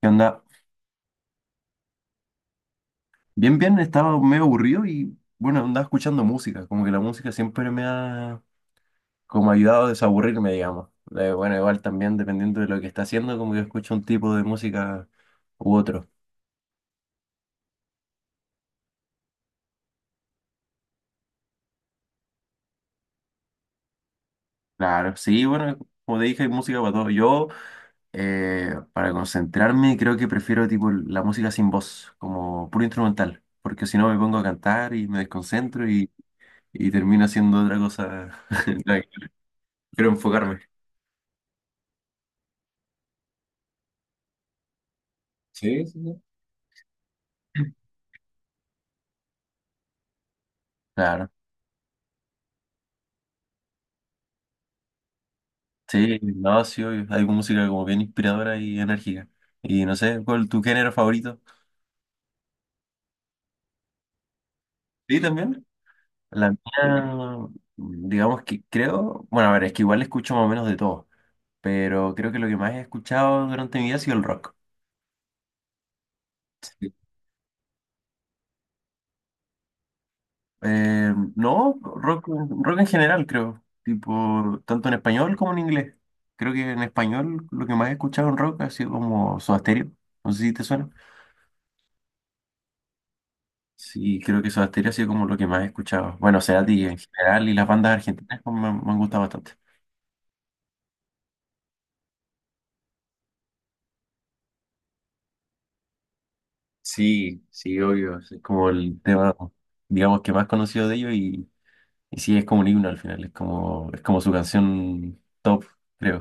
¿Qué onda? Bien, bien, estaba medio aburrido y bueno, andaba escuchando música, como que la música siempre me ha como ayudado a desaburrirme, digamos. Bueno, igual también dependiendo de lo que está haciendo, como que escucho un tipo de música u otro. Claro, sí, bueno, como te dije, hay música para todo. Yo, para concentrarme, creo que prefiero tipo la música sin voz, como puro instrumental, porque si no me pongo a cantar y me desconcentro y termino haciendo otra cosa. Quiero enfocarme. Sí, sí, sí. Claro. Sí, no, sí, obvio. Hay música como bien inspiradora y enérgica. Y no sé, ¿cuál es tu género favorito? Sí, también. La mía, digamos que creo, bueno, a ver, es que igual escucho más o menos de todo, pero creo que lo que más he escuchado durante mi vida ha sido el rock. Sí. No, rock en general, creo. Tipo, tanto en español como en inglés. Creo que en español lo que más he escuchado en rock ha sido como Soda Stereo. No sé si te suena. Sí, creo que Soda Stereo ha sido como lo que más he escuchado. Bueno, Cerati en general y las bandas argentinas como me han gustado bastante. Sí, sí, obvio. Es como el tema, digamos, que más conocido de ellos y sí, es como un himno al final. Es como su canción top, creo.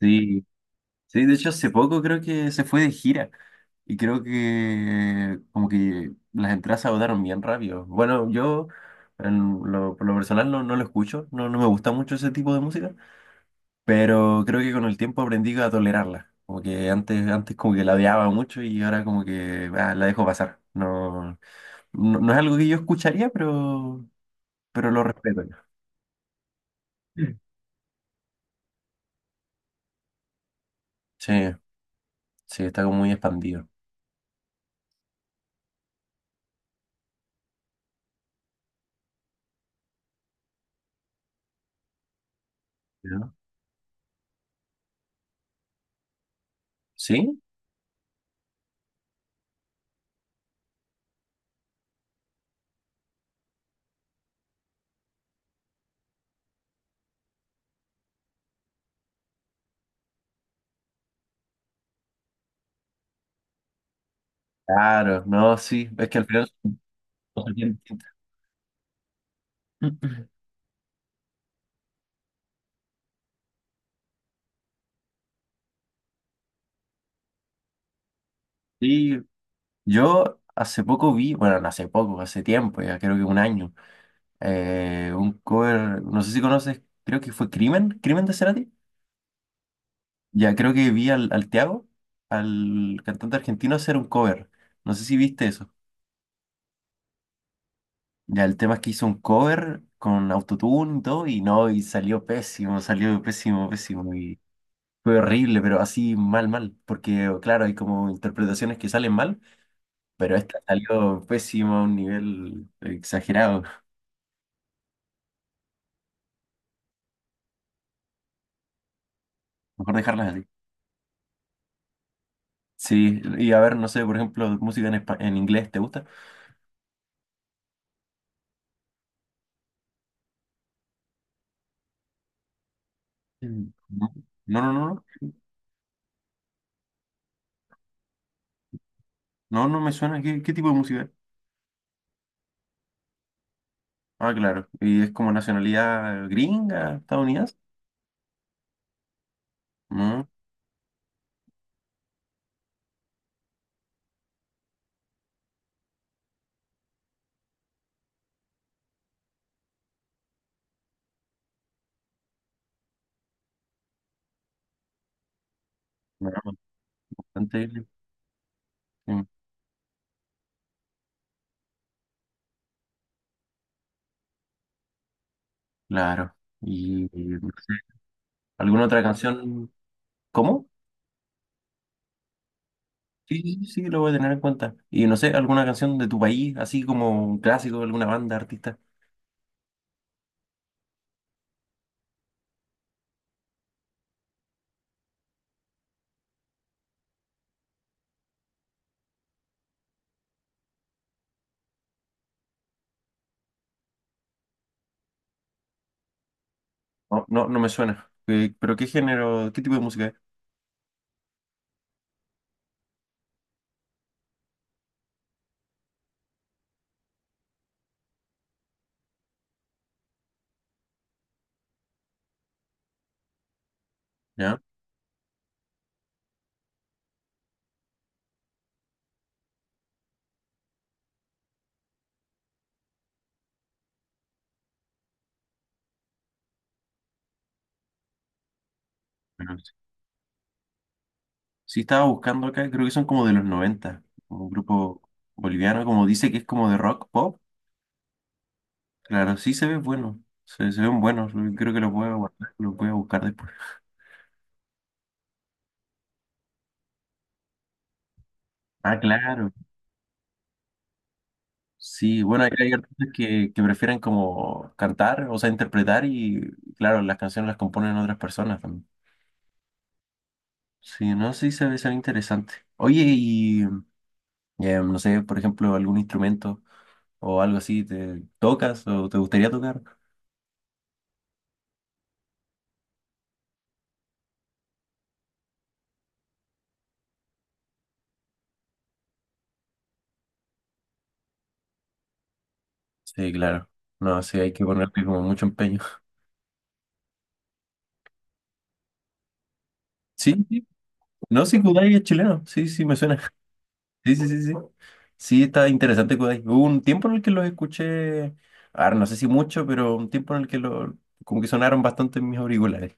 Sí, sí, de hecho hace poco creo que se fue de gira y creo que como que las entradas se agotaron bien rápido. Bueno, yo por lo personal no, no lo escucho, no, no me gusta mucho ese tipo de música. Pero creo que con el tiempo aprendí a tolerarla. Como que antes como que la odiaba mucho y ahora como que la dejo pasar. No, no, no es algo que yo escucharía, pero lo respeto. Mm. Sí, sí, está como muy expandido. ¿No? ¿Sí? Claro, no, sí, es que al final son cosas bien distintas. Sí, yo hace poco vi, bueno, no hace poco, hace tiempo, ya creo que un año, un cover, no sé si conoces, creo que fue Crimen de Cerati. Ya creo que vi al Tiago, al cantante argentino, hacer un cover. No sé si viste eso. Ya el tema es que hizo un cover con autotune y todo, y no, y salió pésimo, pésimo, y fue horrible, pero así mal, mal. Porque, claro, hay como interpretaciones que salen mal, pero esta salió pésimo a un nivel exagerado. Mejor dejarlas así. Sí, y a ver, no sé, por ejemplo, música en inglés, ¿te gusta? No, no, no, no, no, no me suena. ¿Qué tipo de música? Ah, claro. ¿Y es como nacionalidad gringa, estadounidense? Mm, no, bastante bien. Mm. Claro. ¿Y alguna otra canción? ¿Cómo? Sí, sí, sí, lo voy a tener en cuenta. Y no sé, ¿alguna canción de tu país, así como un clásico de alguna banda, artista? No, no, no me suena. ¿Pero qué género, qué tipo de música es? ¿Ya? Bueno, sí. Sí estaba buscando acá, creo que son como de los 90, como un grupo boliviano, como dice que es como de rock, pop. Claro, sí se ve bueno. Se ven buenos. Creo que los voy a guardar, los voy a buscar después. Ah, claro. Sí, bueno, hay artistas que prefieren como cantar, o sea, interpretar y, claro, las canciones las componen otras personas también. Sí, no, sí se ve, interesante. Oye, y no sé, por ejemplo, algún instrumento o algo así, ¿te tocas o te gustaría tocar? Sí, claro. No, sí, hay que ponerle como mucho empeño. Sí, sí. No, sí, Kudai es chileno. Sí, sí, me suena. Sí, sí, sí, sí. Sí, está interesante. Güey. Hubo un tiempo en el que los escuché, ahora no sé si mucho, pero un tiempo en el que como que sonaron bastante en mis auriculares.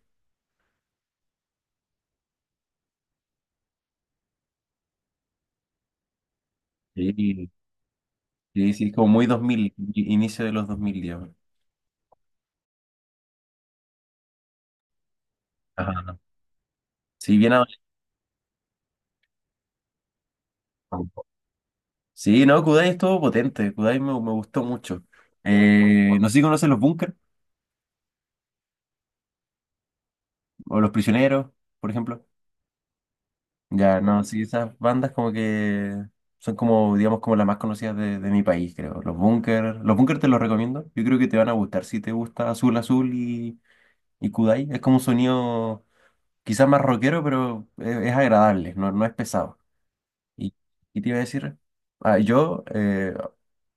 Sí, sí, sí, como muy 2000, inicio de los 2000 digamos. Ajá. Sí, bien adolescente. Sí, no, Kudai estuvo potente, Kudai me gustó mucho. No sé si conoces los Bunker o los Prisioneros, por ejemplo. Ya, no, sí, esas bandas como que son como, digamos, como las más conocidas de mi país, creo. Los Bunkers te los recomiendo. Yo creo que te van a gustar si te gusta Azul Azul y Kudai. Es como un sonido quizás más rockero, pero es agradable, no, no es pesado. ¿Y, y te iba a decir? Ah, yo eh,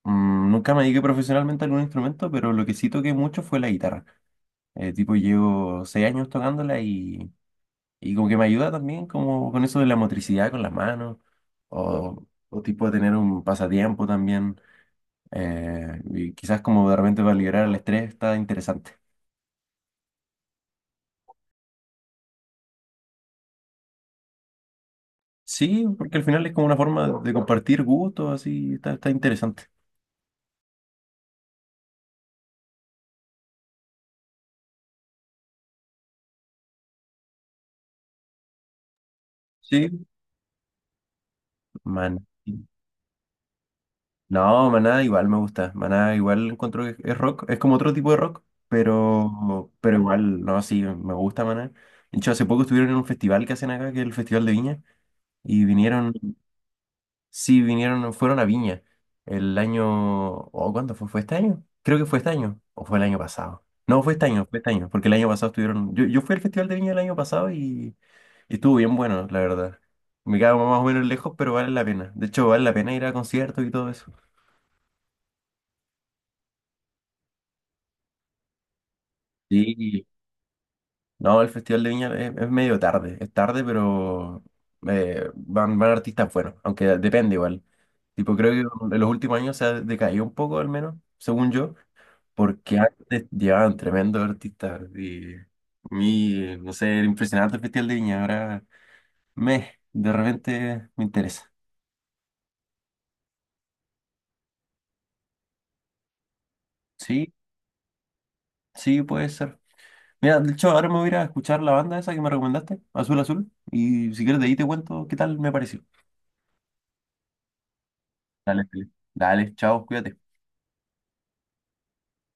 mm, nunca me dediqué profesionalmente a algún instrumento, pero lo que sí toqué mucho fue la guitarra. Tipo, llevo 6 años tocándola y como que me ayuda también como con eso de la motricidad con las manos o tipo de tener un pasatiempo también. Y quizás como de repente para liberar el estrés está interesante. Sí, porque al final es como una forma de compartir gustos, así está interesante. Sí, man. No, Maná igual me gusta. Maná igual encuentro que es rock, es como otro tipo de rock, pero igual, no, sí, me gusta Maná. De hecho, hace poco estuvieron en un festival que hacen acá, que es el Festival de Viña, y vinieron. Sí, vinieron, fueron a Viña el año, o ¿cuánto fue? ¿Fue este año? Creo que fue este año, o fue el año pasado. No, fue este año, porque el año pasado estuvieron, yo fui al Festival de Viña el año pasado y estuvo bien bueno, la verdad. Me quedaba más o menos lejos, pero vale la pena. De hecho, vale la pena ir a conciertos y todo eso. Sí, no, el Festival de Viña es medio tarde, es tarde, pero van artistas buenos, aunque depende igual. Tipo, creo que en los últimos años se ha decaído un poco, al menos, según yo, porque antes llevaban tremendos artistas y a mí, no sé, era impresionante el Festival de Viña, ahora de repente me interesa. Sí, sí, puede ser. Mira, de hecho, ahora me voy a ir a escuchar la banda esa que me recomendaste, Azul Azul, y si quieres de ahí te cuento qué tal me pareció. Dale, Felipe. Dale, chao, cuídate.